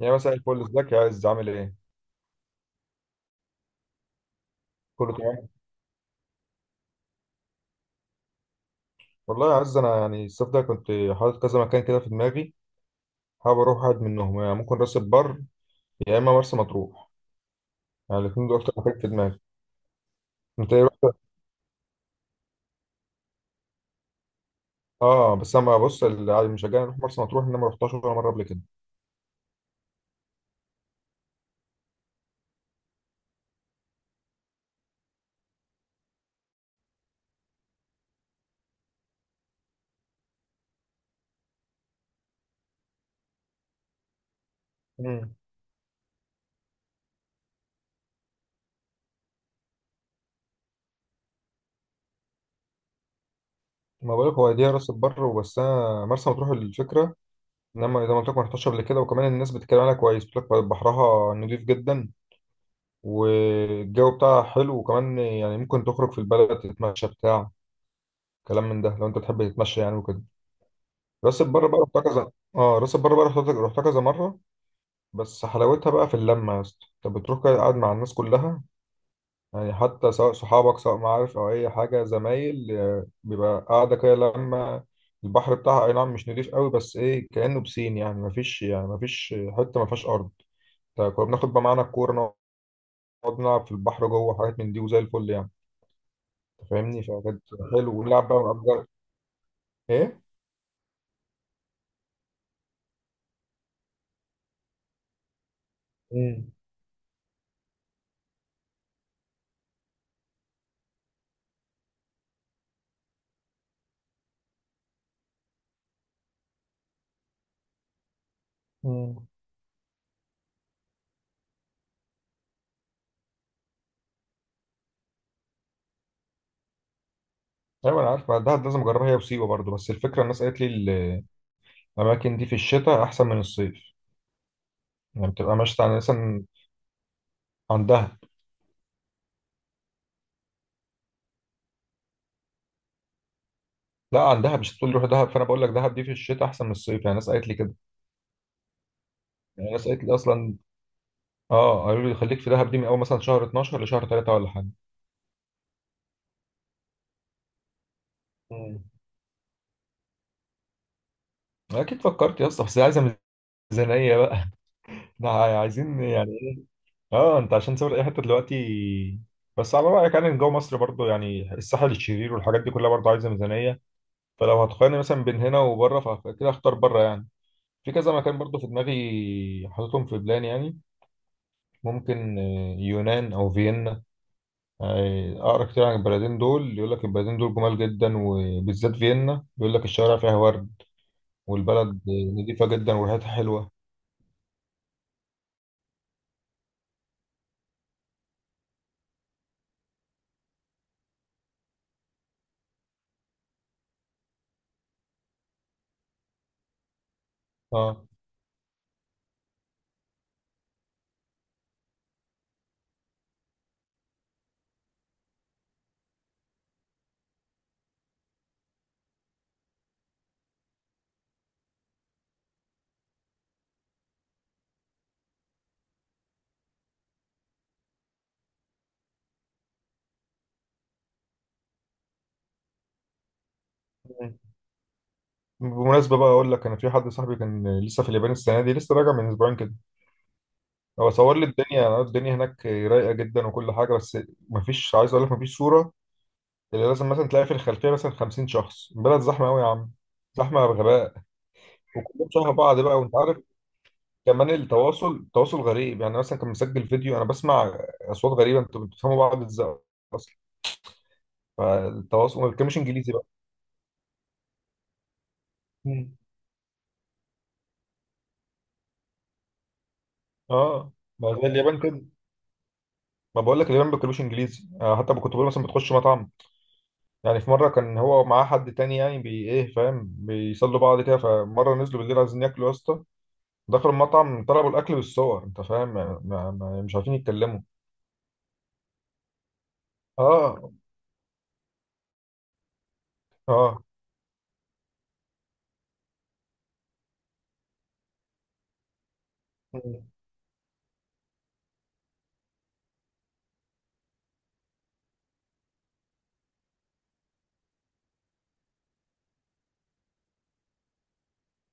يعني مثلا الفل، ازيك يا عز؟ عامل ايه؟ كله تمام؟ والله يا عز، انا يعني الصيف ده كنت حاطط كذا مكان كده في دماغي. حابب اروح واحد منهم، يعني ممكن راس البر، يا اما مرسى مطروح. يعني الاثنين دول اكتر مكان في دماغي. انت ايه، رحت؟ اه، بس انا بص، اللي عاد مشجعني اروح مرسى مطروح ان انا ما رحتهاش ولا مره قبل كده. امم ما بقولك، هو دي راس البر وبس. انا مرسى مطروح الفكره ان انا زي ما قلت لك ما رحتهاش قبل كده، وكمان الناس بتتكلم عنها كويس، بتقول لك بحرها نضيف جدا والجو بتاعها حلو، وكمان يعني ممكن تخرج في البلد تتمشى بتاع كلام من ده، لو انت بتحب تتمشى يعني وكده. راس البر بقى رحتها كذا. اه، راس البر بقى رحتها كذا مره، بس حلاوتها بقى في اللمه يا اسطى. انت بتروح كده قاعد مع الناس كلها، يعني حتى سواء صحابك، سواء معارف او اي حاجه، زمايل، بيبقى قاعده كده. لما البحر بتاعها اي نعم مش نضيف قوي، بس ايه كانه بسين، يعني مفيش، يعني مفيش حته مفيهاش ارض. طيب، كنا بناخد بقى معانا الكوره، نقعد نلعب في البحر جوه، حاجات من دي، وزي الفل يعني. أنت فاهمني، فكانت حلو ونلعب بقى ونأجر. ايه؟ مم. مم. ايوه، انا عارف دهب لازم اجربها هي وسيوه برضو، بس الفكره الناس قالت لي الاماكن دي في الشتاء احسن من الصيف. يعني بتبقى ماشيه عن مثلا... عن دهب. لا، عن دهب. مش تقول روح دهب، فانا بقول لك دهب دي في الشتاء احسن من الصيف، يعني الناس قالت لي كده. يعني الناس قالت لي اصلا. اه، قالوا لي خليك في دهب دي من اول مثلا شهر 12 لشهر 3 ولا حاجه. مم. اكيد فكرت يا اسطى، بس عايزه ميزانيه بقى احنا عايزين يعني ايه؟ اه، انت عشان تسافر اي حته دلوقتي، بس على رايك يعني جو مصر برضو، يعني الساحل الشرير والحاجات دي كلها برضو عايزه ميزانيه. فلو هتقارني مثلا بين هنا وبره، فكده اختار بره يعني. في كذا مكان برضو في دماغي حاططهم في بلان، يعني ممكن يونان او فيينا. اقرا كتير عن البلدين دول، يقول لك البلدين دول جمال جدا، وبالذات فيينا، بيقول لك الشوارع فيها ورد والبلد نظيفة جدا وريحتها حلوة. اه. بمناسبة بقى أقول لك، أنا في حد صاحبي كان لسه في اليابان السنة دي، لسه راجع من أسبوعين كده. هو صور لي الدنيا هناك رايقة جدا وكل حاجة، بس مفيش، عايز أقول لك مفيش صورة اللي لازم مثلا تلاقي في الخلفيه مثلا 50 شخص. البلد زحمه قوي يا عم، زحمه بغباء، وكلهم شبه بعض بقى وانت عارف. كمان التواصل غريب، يعني مثلا كان مسجل فيديو انا بسمع اصوات غريبه، انتوا بتفهموا بعض ازاي اصلا؟ فالتواصل ما بيتكلمش انجليزي بقى. مم. اه، ما زي اليابان كده، ما بقول لك اليابان ما بيتكلموش انجليزي، حتى كنت بقول مثلا بتخش مطعم. يعني في مره كان هو معاه حد تاني يعني، بي ايه، فاهم، بيصلوا بعض كده. فمره نزلوا بالليل عايزين ياكلوا يا اسطى، دخلوا المطعم طلبوا الاكل بالصور، انت فاهم يعني، مش عارفين يتكلموا. اه. اه، مم.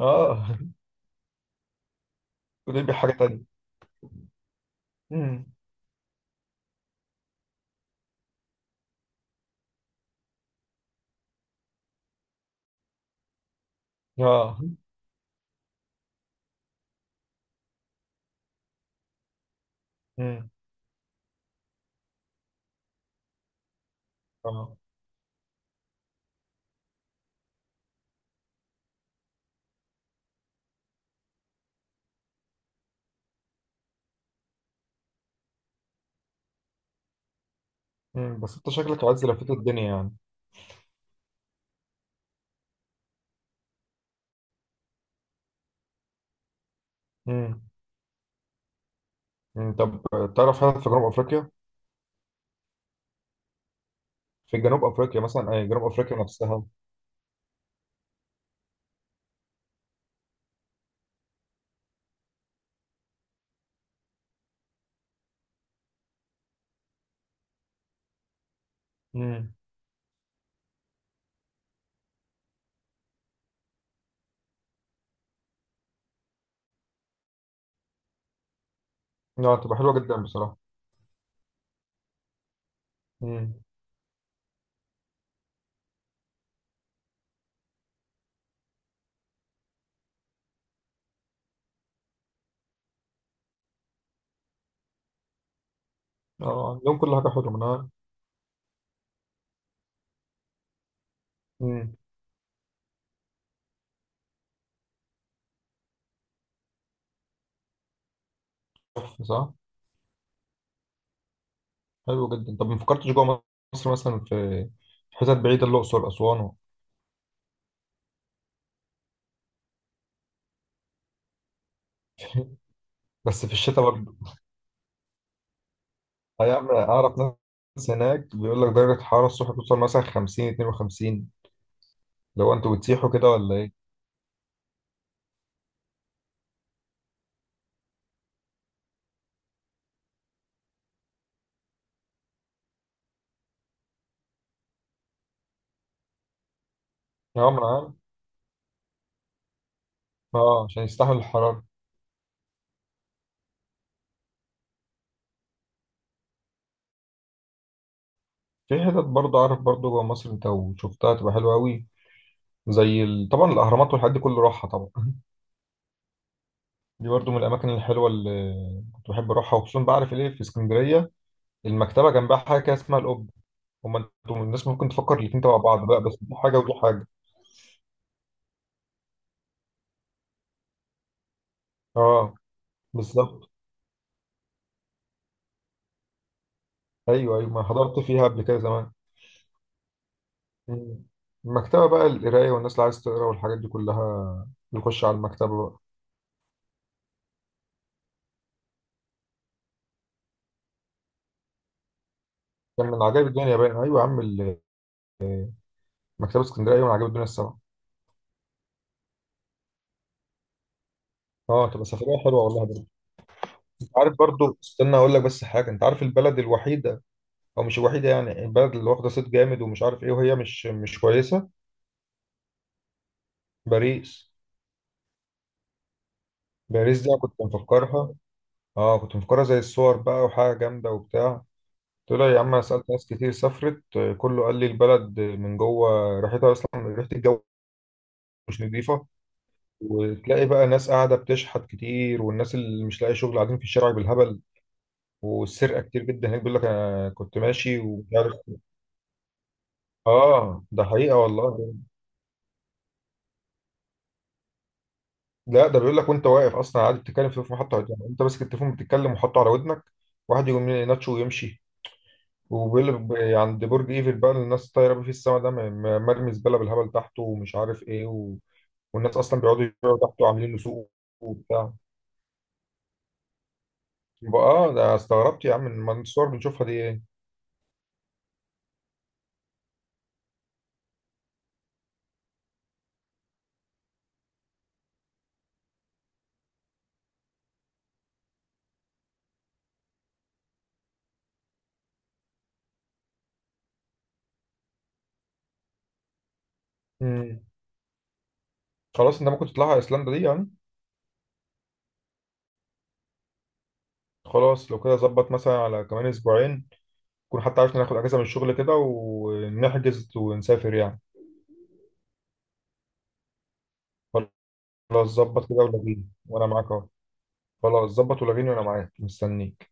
اه. وليبيا حاجة تانية. مم. اه. مم. اه. مم. بس انت شكلك عايز لفيت الدنيا يعني. مم. مم. طب تعرف، هل في جنوب افريقيا؟ في جنوب افريقيا مثلا اي جنوب افريقيا نفسها. مم. اه، تبقى حلوة جدا بصراحة. مم. اه، عندهم كل حاجة حلوة منها. مم. تحفة، صح. حلو جدا. طب ما فكرتش جوه مصر مثلا، في حتت بعيدة، الأقصر، أسوان، و... بس في الشتاء. هيعمل، أعرف ناس هناك بيقول لك درجة الحرارة الصبح بتوصل مثلا 50، 52. لو أنتوا بتسيحوا كده ولا إيه؟ يا عم عام. أه، عشان يستحمل الحرارة. في حتت برضه أعرف، برضه جوه مصر، أنت وشفتها تبقى حلوة أوي، زي ال... طبعا الأهرامات والحاجات دي، كله راحة طبعا دي برضه من الأماكن الحلوة اللي كنت بحب أروحها. وخصوصا بعرف إيه، في اسكندرية المكتبة، جنبها حاجة كده اسمها القبة. هما، أنتوا من الناس ممكن تفكر الاتنين تبع بعض بقى، بس دي حاجة ودي حاجة. أه، بالظبط. أيوه، أيوه، ما حضرت فيها قبل كده زمان. مم. المكتبة بقى القراية، والناس اللي عايز تقرا والحاجات دي كلها بيخش على المكتبة بقى. كان من عجائب الدنيا باين، أيوة يا عم، مكتبة اسكندرية أيوة من عجائب الدنيا السبعة. اه، تبقى سفرية حلوة والله برضه. انت عارف برضه، استنى أقول لك بس حاجة، انت عارف البلد الوحيدة، أو مش الوحيدة، يعني البلد اللي واخدة صيت جامد ومش عارف إيه وهي مش كويسة؟ باريس. باريس دي أنا كنت مفكرها، اه كنت مفكرها زي الصور بقى، وحاجة جامدة وبتاع. طلع يا عم، أنا سألت ناس كتير سافرت، كله قال لي البلد من جوه ريحتها أصلا، ريحة الجو مش نظيفة. وتلاقي بقى ناس قاعدة بتشحت كتير، والناس اللي مش لاقي شغل قاعدين في الشارع بالهبل، والسرقة كتير جدا هناك، بيقول لك أنا كنت ماشي ومش عارف إيه. آه، ده حقيقة والله. لا، ده بيقول لك وأنت واقف أصلا قاعد بتتكلم في محطة، يعني أنت ماسك التليفون بتتكلم وحاطه على ودنك، واحد يقوم يناتشه ويمشي. وبيقول لك عند برج إيفل بقى، الناس طايرة بيه في السما، ده مرمي زبالة بالهبل تحته ومش عارف إيه و... والناس أصلا بيقعدوا يبيعوا تحته، عاملين له سوق وبتاع. آه، ده استغربت يا عم من الصور بنشوفها دي. إيه؟ خلاص، انت ممكن تطلعها ايسلندا دي يعني. خلاص، لو كده ظبط مثلا على كمان اسبوعين، نكون حتى عرفنا ناخد اجازه من الشغل كده ونحجز ونسافر يعني. خلاص، ظبط كده، ولغيني وانا معاك اهو. خلاص، ظبط، ولغيني وانا معاك مستنيك.